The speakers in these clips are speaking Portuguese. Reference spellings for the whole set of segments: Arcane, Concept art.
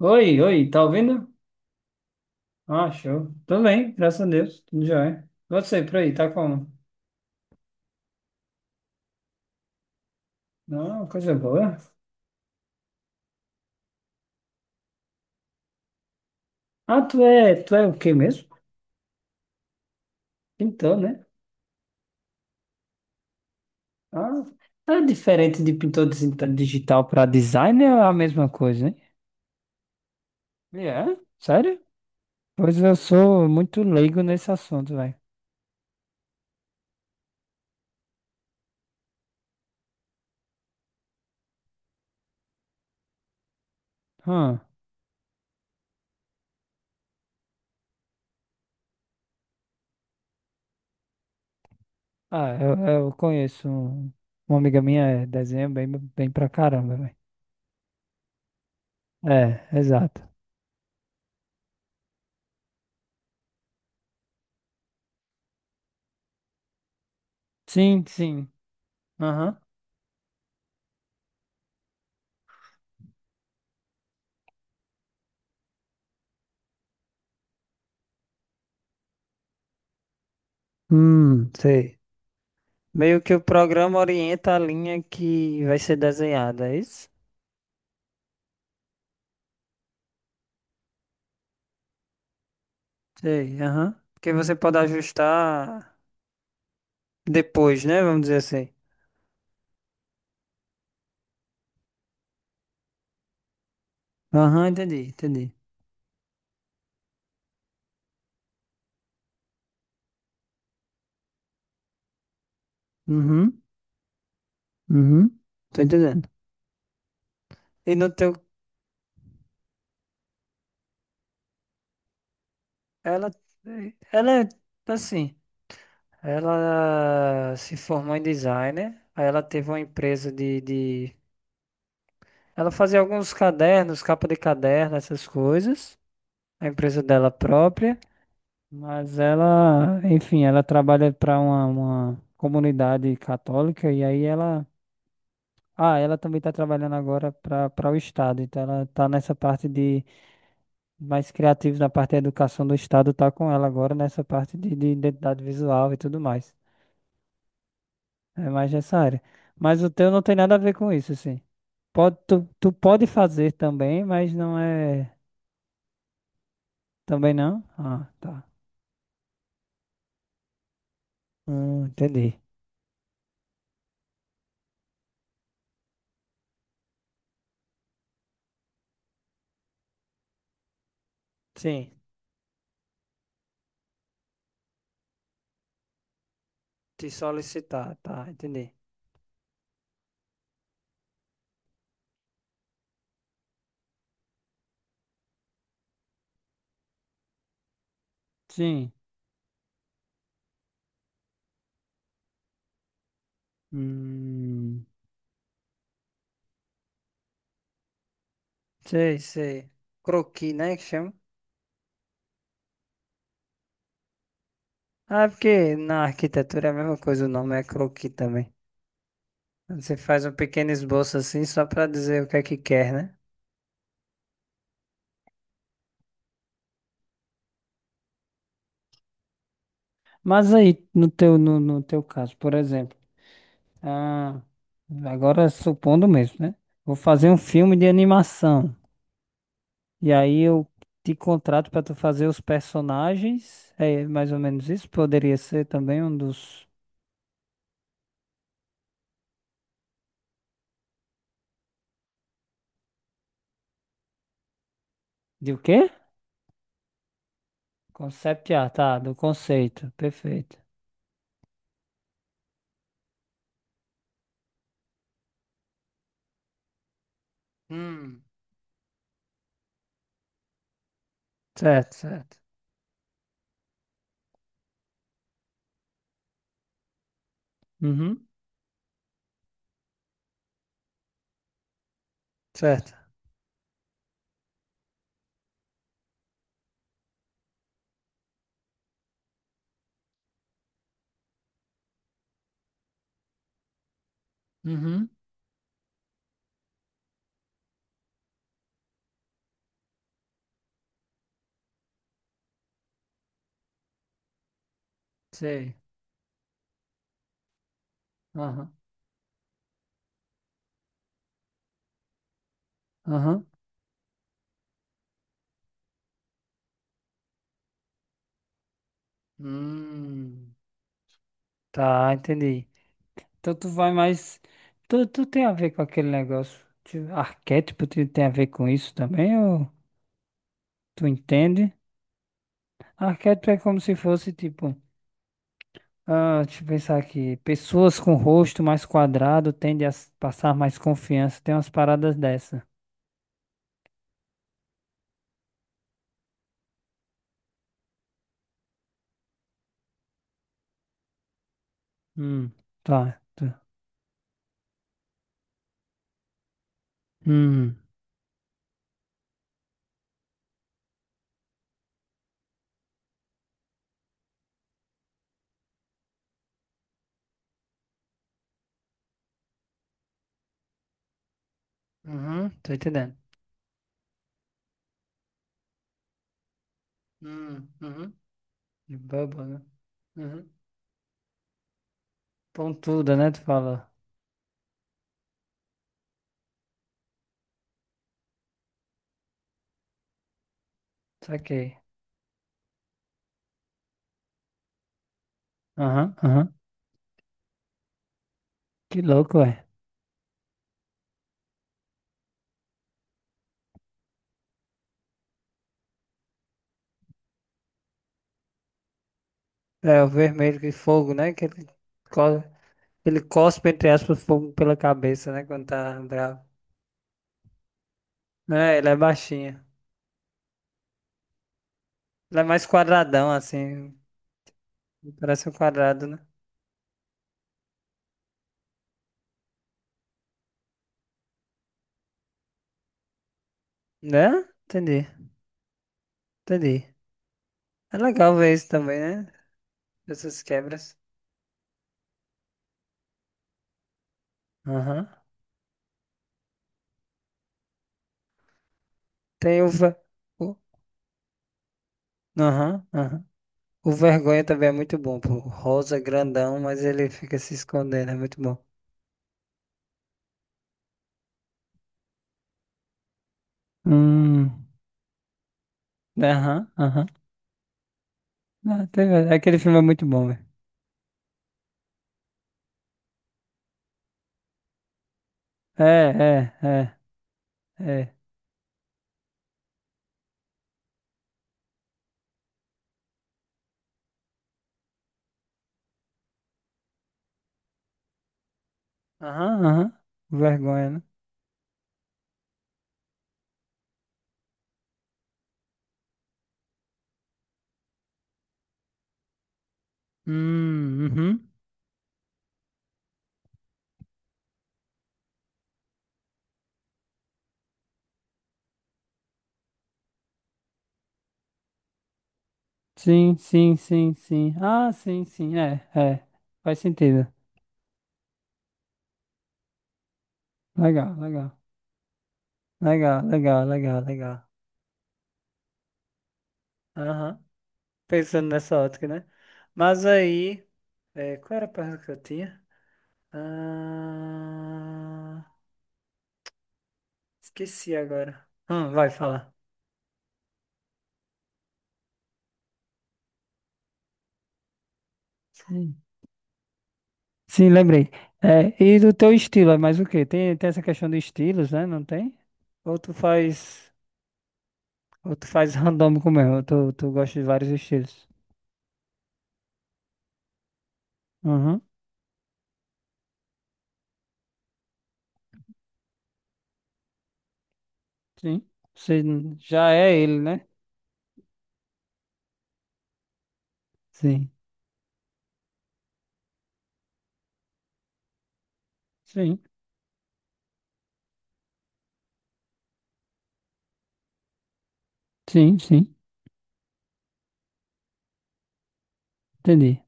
Oi, oi, tá ouvindo? Ah, show. Tudo bem, graças a Deus, tudo jóia. Você, por aí, tá como? Não, coisa boa. Ah, tu é o quê mesmo? Pintor, né? Ah, é diferente de pintor digital para designer, é a mesma coisa, hein? É? Sério? Pois eu sou muito leigo nesse assunto, velho. Hum. Ah, eu conheço uma amiga minha, é, desenha bem, bem pra caramba, velho. É, exato. Sim, sim. Aham. Sei. Meio que o programa orienta a linha que vai ser desenhada, é isso? Sei, aham. Porque você pode ajustar depois, né? Vamos dizer assim. Aham, entendi, entendi. Uhum, uhum. Tô entendendo. E no teu. Ela. Ela é assim. Ela se formou em designer. Aí ela teve uma empresa de... Ela fazia alguns cadernos, capa de caderno, essas coisas. A empresa dela própria. Mas ela, enfim, ela trabalha para uma comunidade católica e aí ela. Ah, ela também está trabalhando agora para o Estado, então ela está nessa parte de mais criativa na parte da educação do Estado, tá com ela agora nessa parte de identidade visual e tudo mais. É mais nessa área. Mas o teu não tem nada a ver com isso, assim. Pode, tu pode fazer também, mas não é. Também não? Ah, tá. Entendi. Sim, te solicitar, tá, entendi. Sim. Hum, sei, sei. Croqui, né, que chama? Ah, é porque na arquitetura é a mesma coisa, o nome é croqui também. Você faz um pequeno esboço assim só para dizer o que é que quer, né? Mas aí, no teu, no teu caso, por exemplo, ah, agora supondo mesmo, né? Vou fazer um filme de animação. E aí eu te contrato para tu fazer os personagens. É mais ou menos isso? Poderia ser também um dos. De o quê? Concept art, tá, do conceito, perfeito. Hum. Certo, certo. Uhum, certo. Uhum. Sei. Aham, aham. Hum. Tá, entendi. Então tu vai mais. Tu tem a ver com aquele negócio. De Arquétipo tu tem a ver com isso também? Ou tu entende? Arquétipo é como se fosse tipo. Ah, deixa eu pensar aqui. Pessoas com rosto mais quadrado tendem a passar mais confiança. Tem umas paradas dessa. Hum, tá. Hum. Uhum, tô entendendo. Hum. Uhum. De bubble, né? Uhum. Pontuda, né? Tu fala. Saquei. Aham, aham. Que louco, ué. É, o vermelho que fogo, né? Que ele, co- ele cospe, entre aspas, fogo pela cabeça, né? Quando tá bravo. É, ele é baixinho. Ele é mais quadradão, assim. Ele parece um quadrado, né? Né? Entendi, entendi. É legal ver isso também, né? Essas quebras. Aham. Tem o... ve- o- Aham, aham. O Vergonha também é muito bom, pô. Rosa grandão, mas ele fica se escondendo, é muito bom. Hum. Aham, aham. Ah, aquele filme é muito bom, velho. É, é, é, é. Aham, aham. Vergonha, né? Uhum. Sim, sim, sim, sim. Ah, sim, sim, é, é. Faz sentido. Legal, legal. Legal, legal, legal, legal. Aham. Pensando nessa ótica, né? Mas aí, é, qual era a pergunta que eu tinha? Ah, esqueci agora. Ah, vai falar. Sim, sim, lembrei. É, e do teu estilo, é mais o quê? Tem, tem essa questão de estilos, né? Não tem? Ou tu faz, ou tu faz randômico mesmo, ou tu gosta de vários estilos. Uhum, sim. Já é ele, né? Sim. Sim, sim, sim. Entendi.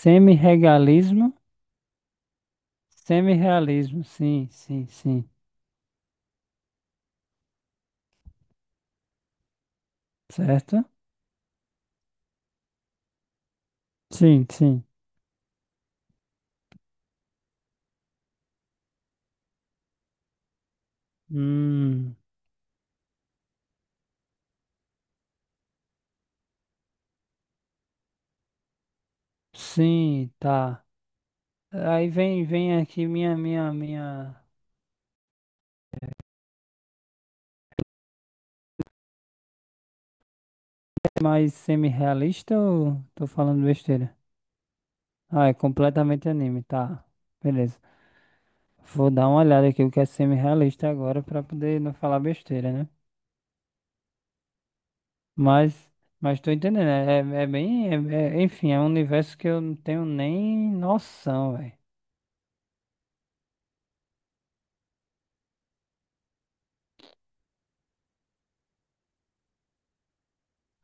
Semi-regalismo, semi-realismo, sim, sim, sim. Certo? Sim, sim. Hum. Sim, tá. Aí vem, vem aqui minha. É mais semi-realista ou tô falando besteira? Ah, é completamente anime, tá. Beleza. Vou dar uma olhada aqui o que é semi-realista agora pra poder não falar besteira, né? Mas, mas tô entendendo. É bem. Enfim, é um universo que eu não tenho nem noção, velho.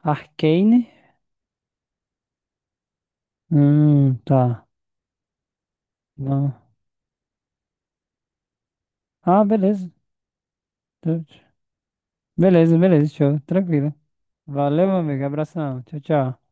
Arcane? Tá. Não. Ah, beleza. Beleza, beleza, show. Tranquilo. Valeu, meu amigo. Abração. Tchau, tchau.